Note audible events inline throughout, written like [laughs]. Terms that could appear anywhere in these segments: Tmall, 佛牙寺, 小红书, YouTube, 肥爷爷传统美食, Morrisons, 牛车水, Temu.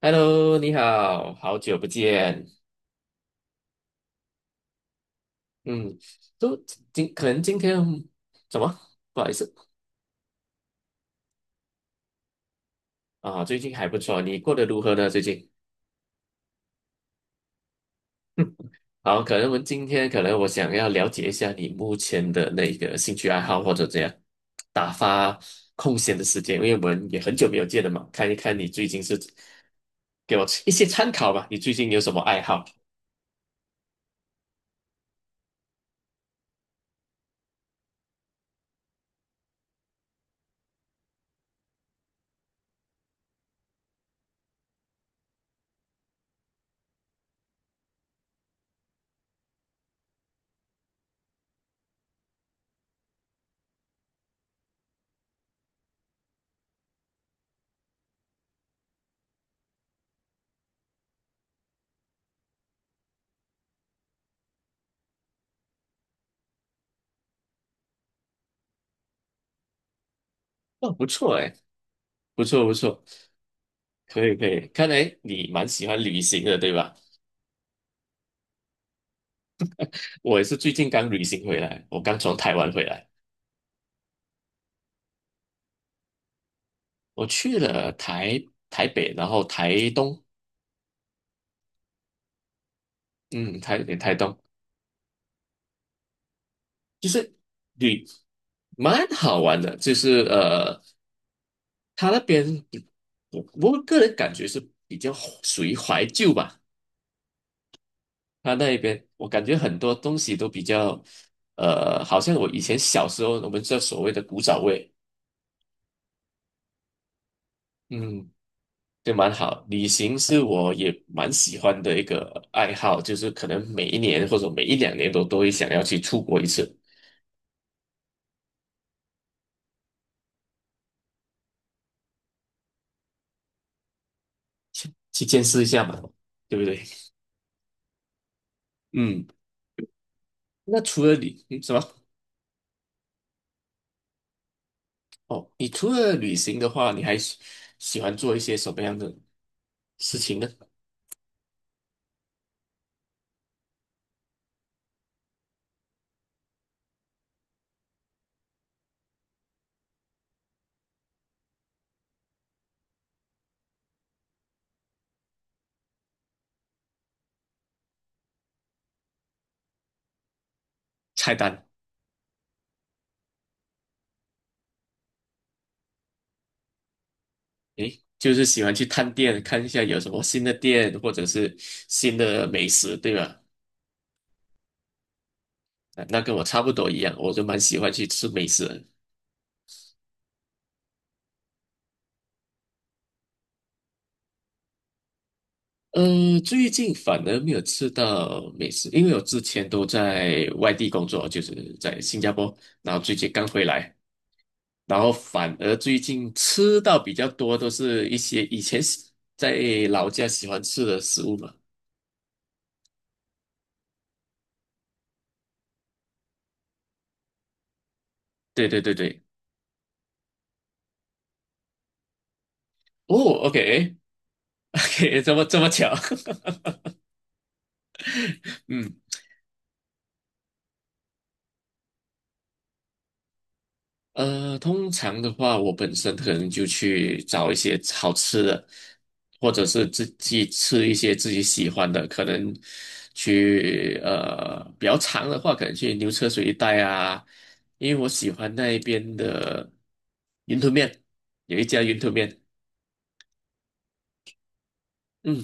Hello，你好，好久不见。嗯，都可能今天怎么？不好意思啊，最近还不错，你过得如何呢？好，可能我们今天可能我想要了解一下你目前的那个兴趣爱好或者怎样打发空闲的时间，因为我们也很久没有见了嘛，看一看你最近是给我一些参考吧，你最近有什么爱好？哦，不错哎，不错不错，可以可以，看来你蛮喜欢旅行的，对吧？我也是最近刚旅行回来，我刚从台湾回来，我去了台北，然后台东，嗯，台北台东就是旅蛮好玩的，就是他那边我我个人感觉是比较属于怀旧吧，他那边我感觉很多东西都比较好像我以前小时候我们知道所谓的古早味，嗯，就蛮好。旅行是我也蛮喜欢的一个爱好，就是可能每一年或者每一两年都会想要去出国一次，去见识一下嘛，对不对？嗯，那除了什么？哦，你除了旅行的话，你还喜欢做一些什么样的事情呢？菜单，诶，就是喜欢去探店，看一下有什么新的店或者是新的美食，对吧？啊那跟我差不多一样，我就蛮喜欢去吃美食的。最近反而没有吃到美食，因为我之前都在外地工作，就是在新加坡，然后最近刚回来，然后反而最近吃到比较多都是一些以前在老家喜欢吃的食物嘛。对对对对，哦，OK，OK，[laughs] 这么巧，[laughs] 嗯。通常的话，我本身可能就去找一些好吃的，或者是自己吃一些自己喜欢的。可能去比较长的话，可能去牛车水一带啊，因为我喜欢那一边的云吞面，有一家云吞面。嗯，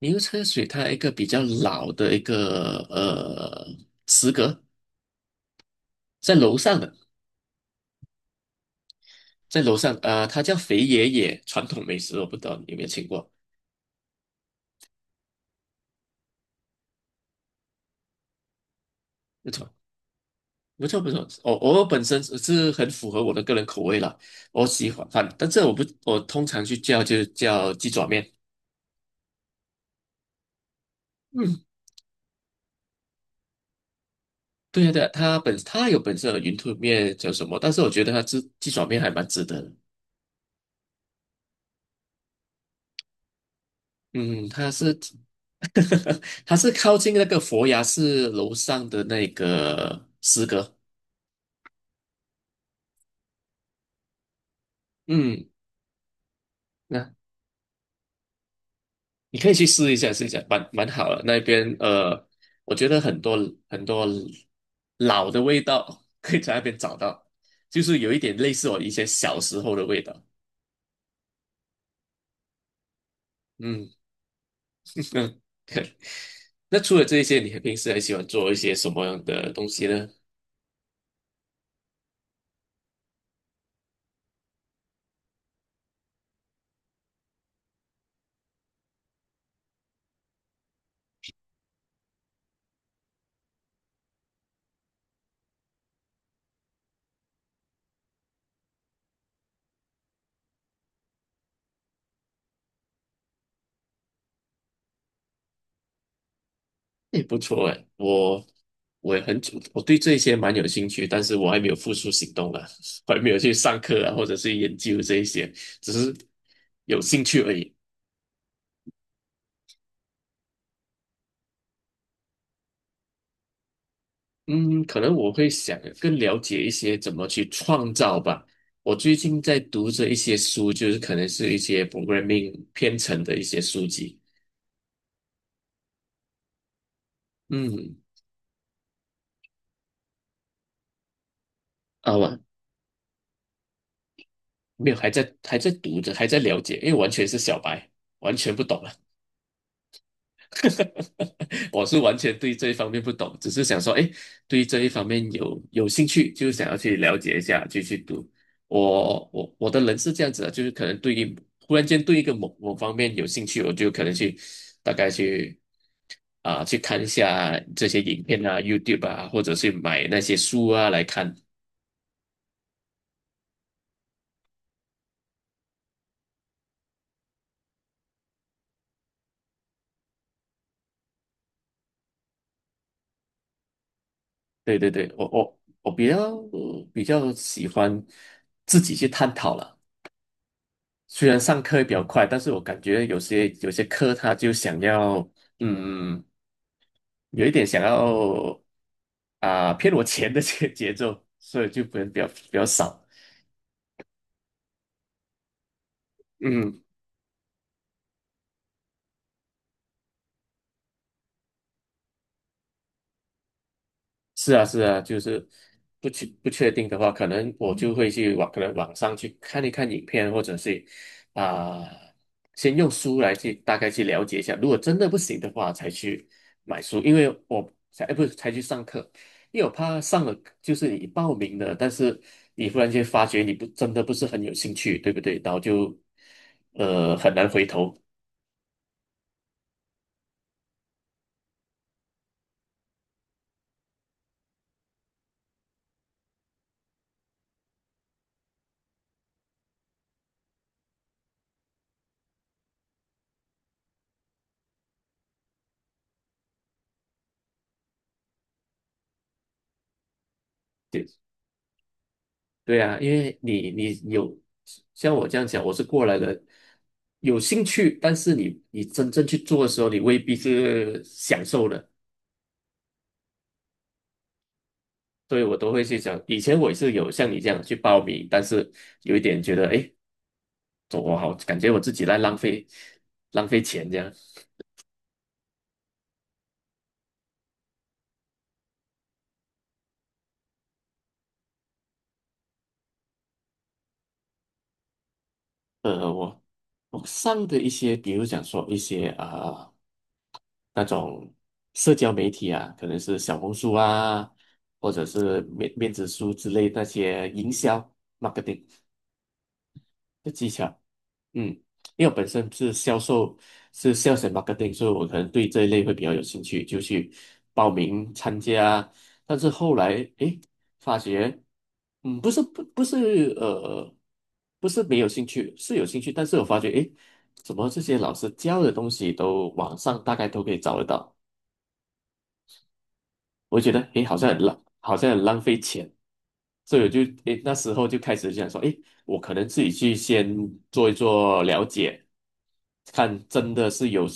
牛车水它一个比较老的一个食阁，在楼上的，在楼上啊、它叫肥爷爷传统美食，我不知道你有没有听过。不错不错，我本身是很符合我的个人口味啦，我喜欢，反但这我不我通常去就叫鸡爪面，嗯，对呀对呀，它有本身的云吞面叫什么，但是我觉得它鸡爪面还蛮值得的，嗯，它是 [laughs] 它是靠近那个佛牙寺楼上的那个诗歌，嗯。那。你可以去试一下，试一下，蛮好的。那边我觉得很多很多老的味道可以在那边找到，就是有一点类似我一些小时候的味道。嗯，嗯。[laughs] 那除了这些，你平时还喜欢做一些什么样的东西呢？也不错哎，我我也很主，我对这些蛮有兴趣，但是我还没有付出行动啊，[laughs] 我还没有去上课啊，或者是研究这一些，只是有兴趣而已。嗯，可能我会想更了解一些怎么去创造吧。我最近在读着一些书，就是可能是一些 programming 编程的一些书籍。嗯，啊，我没有，还在读着，还在了解，因为完全是小白，完全不懂。[laughs] 我是完全对这一方面不懂，只是想说，哎，对这一方面有兴趣，就想要去了解一下，就去读。我的人是这样子的，就是可能对于忽然间对一个某某方面有兴趣，我就可能去大概去啊、去看一下这些影片啊、YouTube 啊，或者是买那些书啊来看。对对对，我比较喜欢自己去探讨了。虽然上课比较快，但是我感觉有些课他就想要，嗯，有一点想要啊、骗我钱的这个节奏，所以就不能比较少。嗯。是啊，是啊，就是不确定的话，可能我就会可能网上去看一看影片，或者是啊、先用书来去大概去了解一下。如果真的不行的话，才去买书，因为我才，哎不是才去上课，因为我怕上了就是你报名了，但是你忽然间发觉你不真的不是很有兴趣，对不对？然后就很难回头。对。对啊，因为你有像我这样讲，我是过来人，有兴趣，但是你真正去做的时候，你未必是享受的，所以我都会去想，以前我也是有像你这样去报名，但是有一点觉得，哎，走我好，感觉我自己在浪费钱这样。呃，我我上的一些，比如讲说一些啊。那种社交媒体啊，可能是小红书啊，或者是面子书之类那些营销 marketing 的技巧。嗯，因为我本身是销售，是 sales and marketing，所以我可能对这一类会比较有兴趣，就去报名参加。但是后来，诶，发觉，不是不是不是没有兴趣，是有兴趣，但是我发觉，诶，怎么这些老师教的东西都网上大概都可以找得到。我觉得诶，好像很浪费钱，所以我就诶那时候就开始想说，诶，我可能自己去先做一做了解，看真的是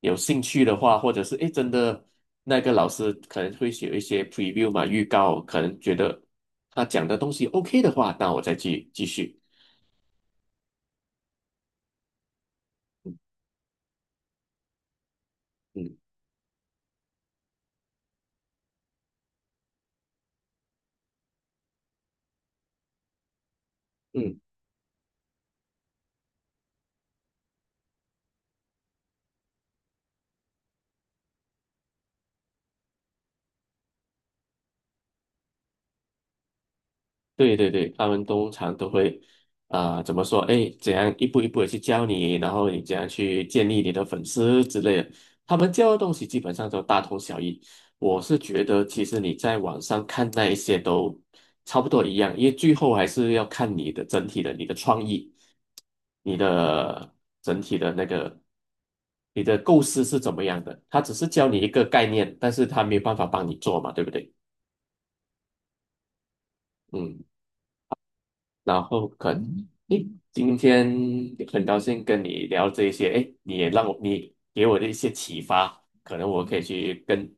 有兴趣的话，或者是诶真的那个老师可能会写一些 preview 嘛，预告，可能觉得他讲的东西 OK 的话，那我再去继续，嗯嗯。对对对，他们通常都会，怎么说？哎，怎样一步一步的去教你，然后你怎样去建立你的粉丝之类的。他们教的东西基本上都大同小异。我是觉得，其实你在网上看那一些都差不多一样，因为最后还是要看你的整体的你的创意，你的整体的那个，你的构思是怎么样的。他只是教你一个概念，但是他没有办法帮你做嘛，对不对？嗯。然后可能，诶，今天很高兴跟你聊这一些，诶，你给我的一些启发，可能我可以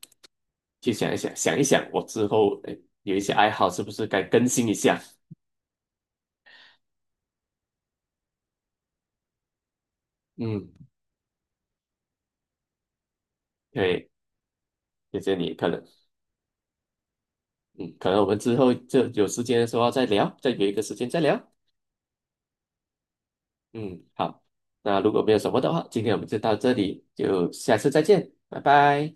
去想一想，想一想我之后，诶，有一些爱好是不是该更新一下？嗯，对，谢谢你，可能我们之后就有时间的时候再聊，再约一个时间再聊。嗯，好，那如果没有什么的话，今天我们就到这里，就下次再见，拜拜。